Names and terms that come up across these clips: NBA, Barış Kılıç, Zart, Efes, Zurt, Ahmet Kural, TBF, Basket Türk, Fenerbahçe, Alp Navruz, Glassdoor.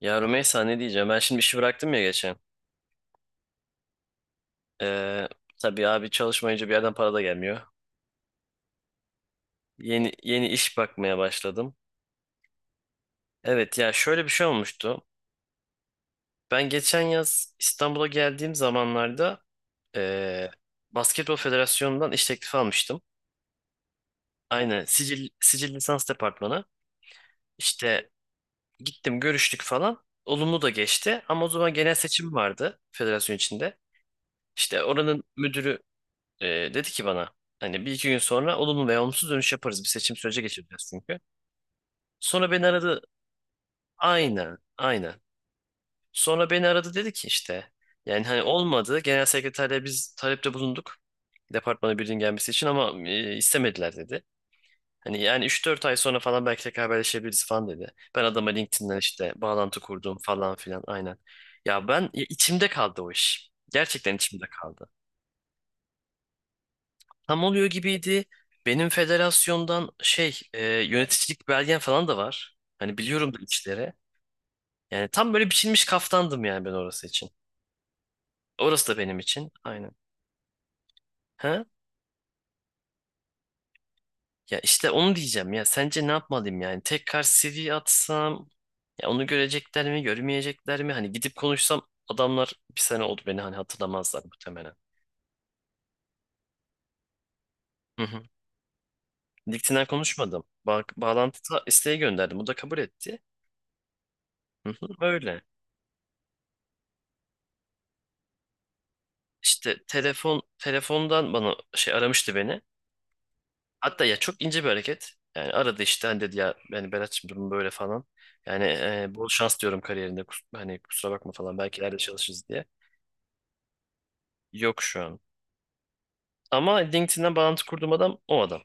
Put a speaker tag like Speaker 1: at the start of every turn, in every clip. Speaker 1: Ya Rümeysa ne diyeceğim? Ben şimdi işi bıraktım ya geçen. Ee, tabii abi çalışmayınca bir yerden para da gelmiyor. Yeni yeni iş bakmaya başladım. Evet ya şöyle bir şey olmuştu. Ben geçen yaz İstanbul'a geldiğim zamanlarda ee, Basketbol Federasyonu'ndan iş teklifi almıştım. Aynen sicil lisans departmanı. İşte gittim görüştük falan. Olumlu da geçti ama o zaman genel seçim vardı federasyon içinde. İşte oranın müdürü dedi ki bana hani 1-2 gün sonra olumlu veya olumsuz dönüş yaparız. Bir seçim süreci geçireceğiz çünkü. Sonra beni aradı. Aynen, aynen. Sonra beni aradı dedi ki işte yani hani olmadı. Genel sekreterle biz talepte bulunduk. Departmana birinin gelmesi için ama istemediler dedi. Hani yani 3-4 ay sonra falan belki tekrar haberleşebiliriz falan dedi. Ben adama LinkedIn'den işte bağlantı kurdum falan filan aynen. Ya ben ya içimde kaldı o iş. Gerçekten içimde kaldı. Tam oluyor gibiydi. Benim federasyondan şey yöneticilik belgen falan da var. Hani biliyorum da içlere. Yani tam böyle biçilmiş kaftandım yani ben orası için. Orası da benim için. Aynen. Ha? Ya işte onu diyeceğim ya. Sence ne yapmalıyım yani? Tekrar CV atsam ya onu görecekler mi, görmeyecekler mi? Hani gidip konuşsam adamlar bir sene oldu beni hani hatırlamazlar muhtemelen. Hı hı. LinkedIn'den konuşmadım. Bağlantı isteği gönderdim. O da kabul etti. Hı hı. Öyle. İşte telefondan bana şey aramıştı beni. Hatta ya çok ince bir hareket. Yani aradı işte hani dedi ya yani Berat'cığım durum böyle falan. Yani bol şans diyorum kariyerinde. Hani kusura bakma falan belki ileride çalışırız diye. Yok şu an. Ama LinkedIn'den bağlantı kurduğum adam o adam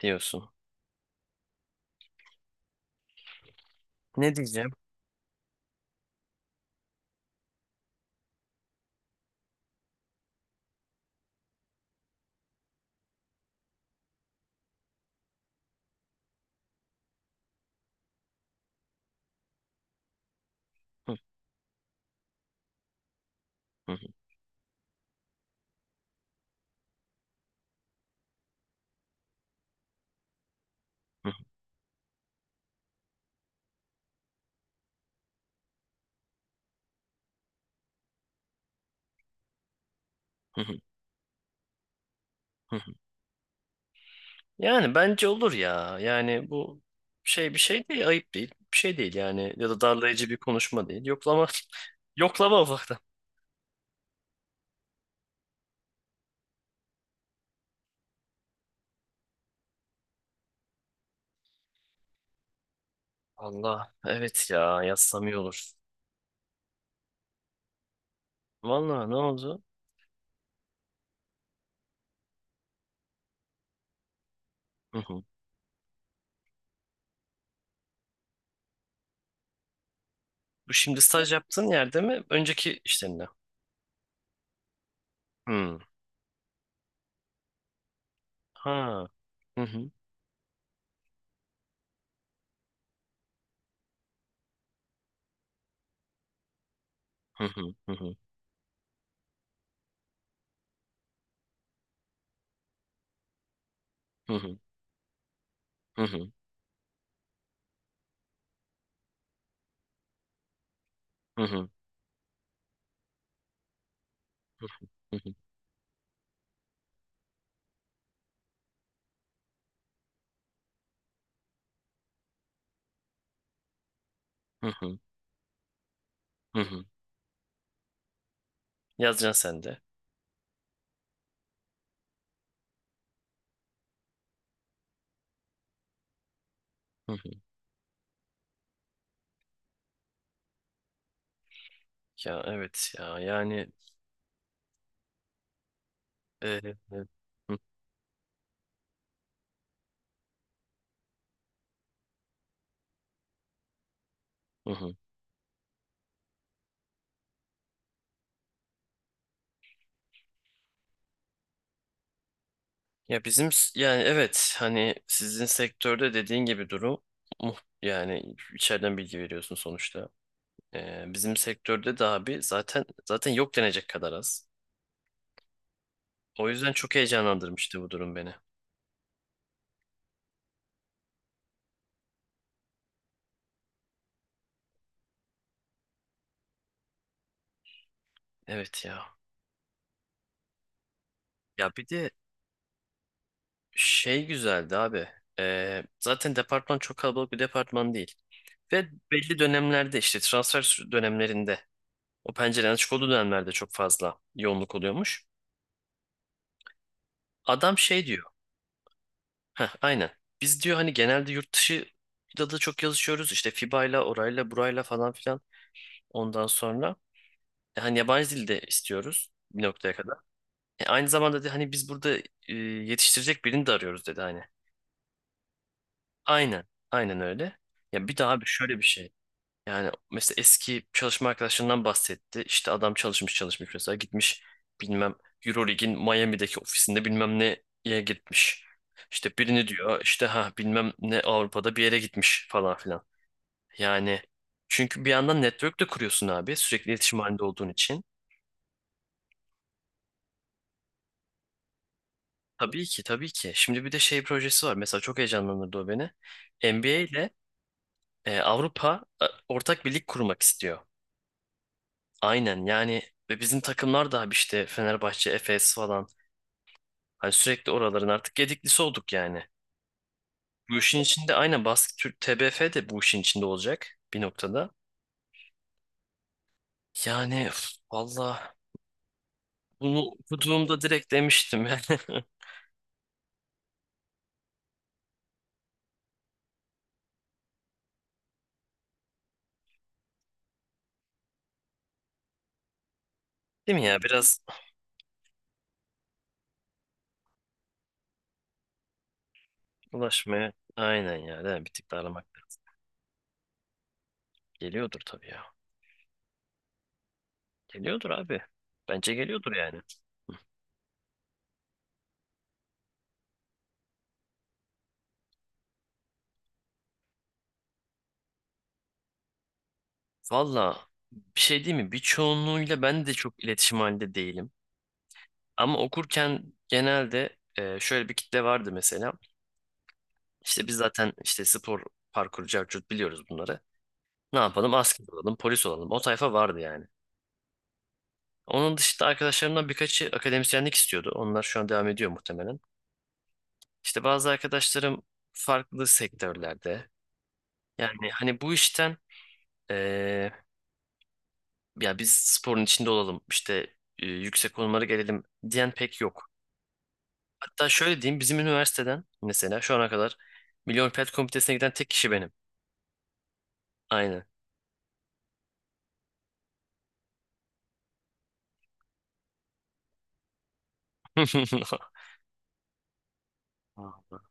Speaker 1: diyorsun. Ne diyeceğim? Hı, hı, hı, hı, hı, hı. Hı. Yani bence olur ya. Yani bu şey bir şey değil, ayıp değil. Bir şey değil yani ya da darlayıcı bir konuşma değil. Yoklama yoklama Allah evet ya yazsam iyi olur. Vallahi ne oldu? Hı hı. Bu şimdi staj yaptığın yerde mi? Önceki işlerinde. Hı. Ha. Hı hı. Hı hı. Hı hı. Hı hı. Hı hı. Hı hı. Hı hı. Hı hı. Hı hı. Yazacaksın sen de. Hı hı. Ya evet ya yani hı hı. Hı. Ya bizim yani evet hani sizin sektörde dediğin gibi durum yani içeriden bilgi veriyorsun sonuçta. Bizim sektörde de abi zaten yok denecek kadar az. O yüzden çok heyecanlandırmıştı bu durum beni. Evet ya. Ya bir de şey güzeldi abi. Zaten departman çok kalabalık bir departman değil. Ve belli dönemlerde işte transfer dönemlerinde o pencerenin açık olduğu dönemlerde çok fazla yoğunluk oluyormuş. Adam şey diyor. Heh, aynen. Biz diyor hani genelde yurt dışı da çok yazışıyoruz. İşte FIBA'yla, orayla, burayla falan filan. Ondan sonra hani yabancı dil de istiyoruz bir noktaya kadar. Aynı zamanda da hani biz burada yetiştirecek birini de arıyoruz dedi hani. Aynen, aynen öyle. Ya bir daha abi şöyle bir şey. Yani mesela eski çalışma arkadaşlarından bahsetti. İşte adam çalışmış çalışmış mesela gitmiş bilmem Euroleague'in Miami'deki ofisinde bilmem neye gitmiş. İşte birini diyor işte ha bilmem ne Avrupa'da bir yere gitmiş falan filan. Yani çünkü bir yandan network de kuruyorsun abi sürekli iletişim halinde olduğun için. Tabii ki tabii ki. Şimdi bir de şey projesi var. Mesela çok heyecanlandırdı o beni. NBA ile Avrupa ortak bir lig kurmak istiyor. Aynen yani ve bizim takımlar da abi işte Fenerbahçe, Efes falan. Hani sürekli oraların artık gediklisi olduk yani. Bu işin içinde aynen Basket Türk TBF de bu işin içinde olacak bir noktada. Yani üf, valla bunu okuduğumda direkt demiştim yani. Değil mi ya biraz ulaşmaya aynen ya değil mi? Bir tık da aramak geliyordur tabii ya. Geliyordur abi. Bence geliyordur yani. Valla bir şey değil mi? Birçoğunluğuyla ben de çok iletişim halinde değilim. Ama okurken genelde şöyle bir kitle vardı mesela. İşte biz zaten işte spor parkur carcut biliyoruz bunları. Ne yapalım? Asker olalım, polis olalım. O tayfa vardı yani. Onun dışında arkadaşlarımdan birkaçı akademisyenlik istiyordu. Onlar şu an devam ediyor muhtemelen. İşte bazı arkadaşlarım farklı sektörlerde. Yani hani bu işten e, ya biz sporun içinde olalım işte yüksek konumlara gelelim diyen pek yok. Hatta şöyle diyeyim bizim üniversiteden mesela şu ana kadar Milli Olimpiyat Komitesi'ne giden tek kişi benim. Aynen. Vallahi.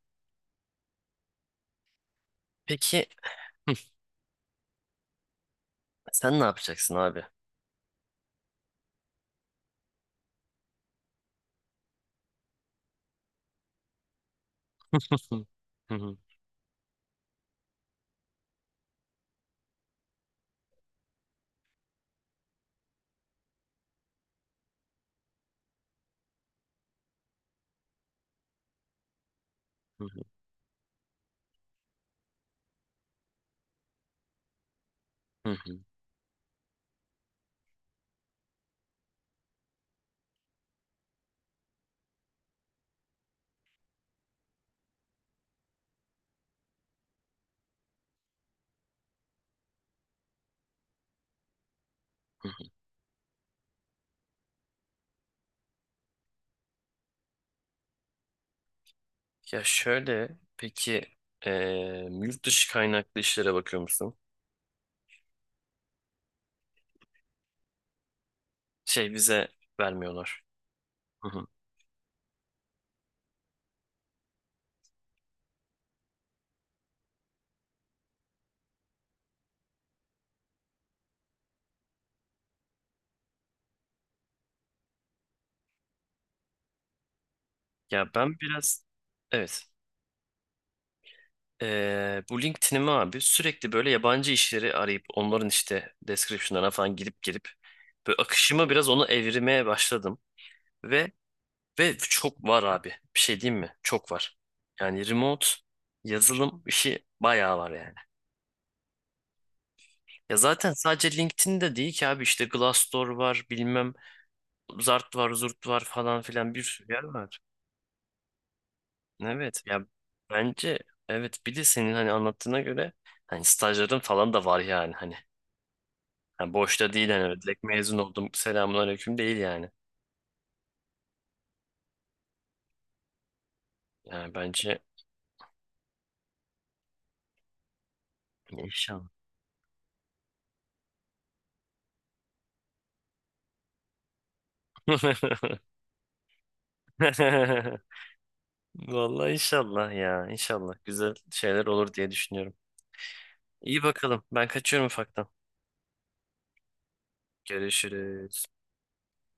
Speaker 1: Peki hı, sen ne yapacaksın abi? Hı hı, hı hı, hı hı, hı hı. Ya şöyle peki e, yurt dışı kaynaklı işlere bakıyor musun? Şey vize vermiyorlar. Hı hı. Ya ben biraz evet. Bu LinkedIn'imi abi sürekli böyle yabancı işleri arayıp onların işte description'larına falan gidip gelip böyle akışımı biraz onu evirmeye başladım ve ve çok var abi. Bir şey diyeyim mi? Çok var. Yani remote yazılım işi bayağı var yani. Ya zaten sadece LinkedIn'de değil ki abi işte Glassdoor var, bilmem Zart var, Zurt var falan filan bir sürü yer var. Evet ya bence evet bir de senin hani anlattığına göre hani stajların falan da var yani hani. Ha, boşta değil yani. Öyle direkt mezun oldum. Selamünaleyküm değil yani. Yani bence inşallah Vallahi inşallah ya. İnşallah güzel şeyler olur diye düşünüyorum. İyi bakalım. Ben kaçıyorum ufaktan. Görüşürüz.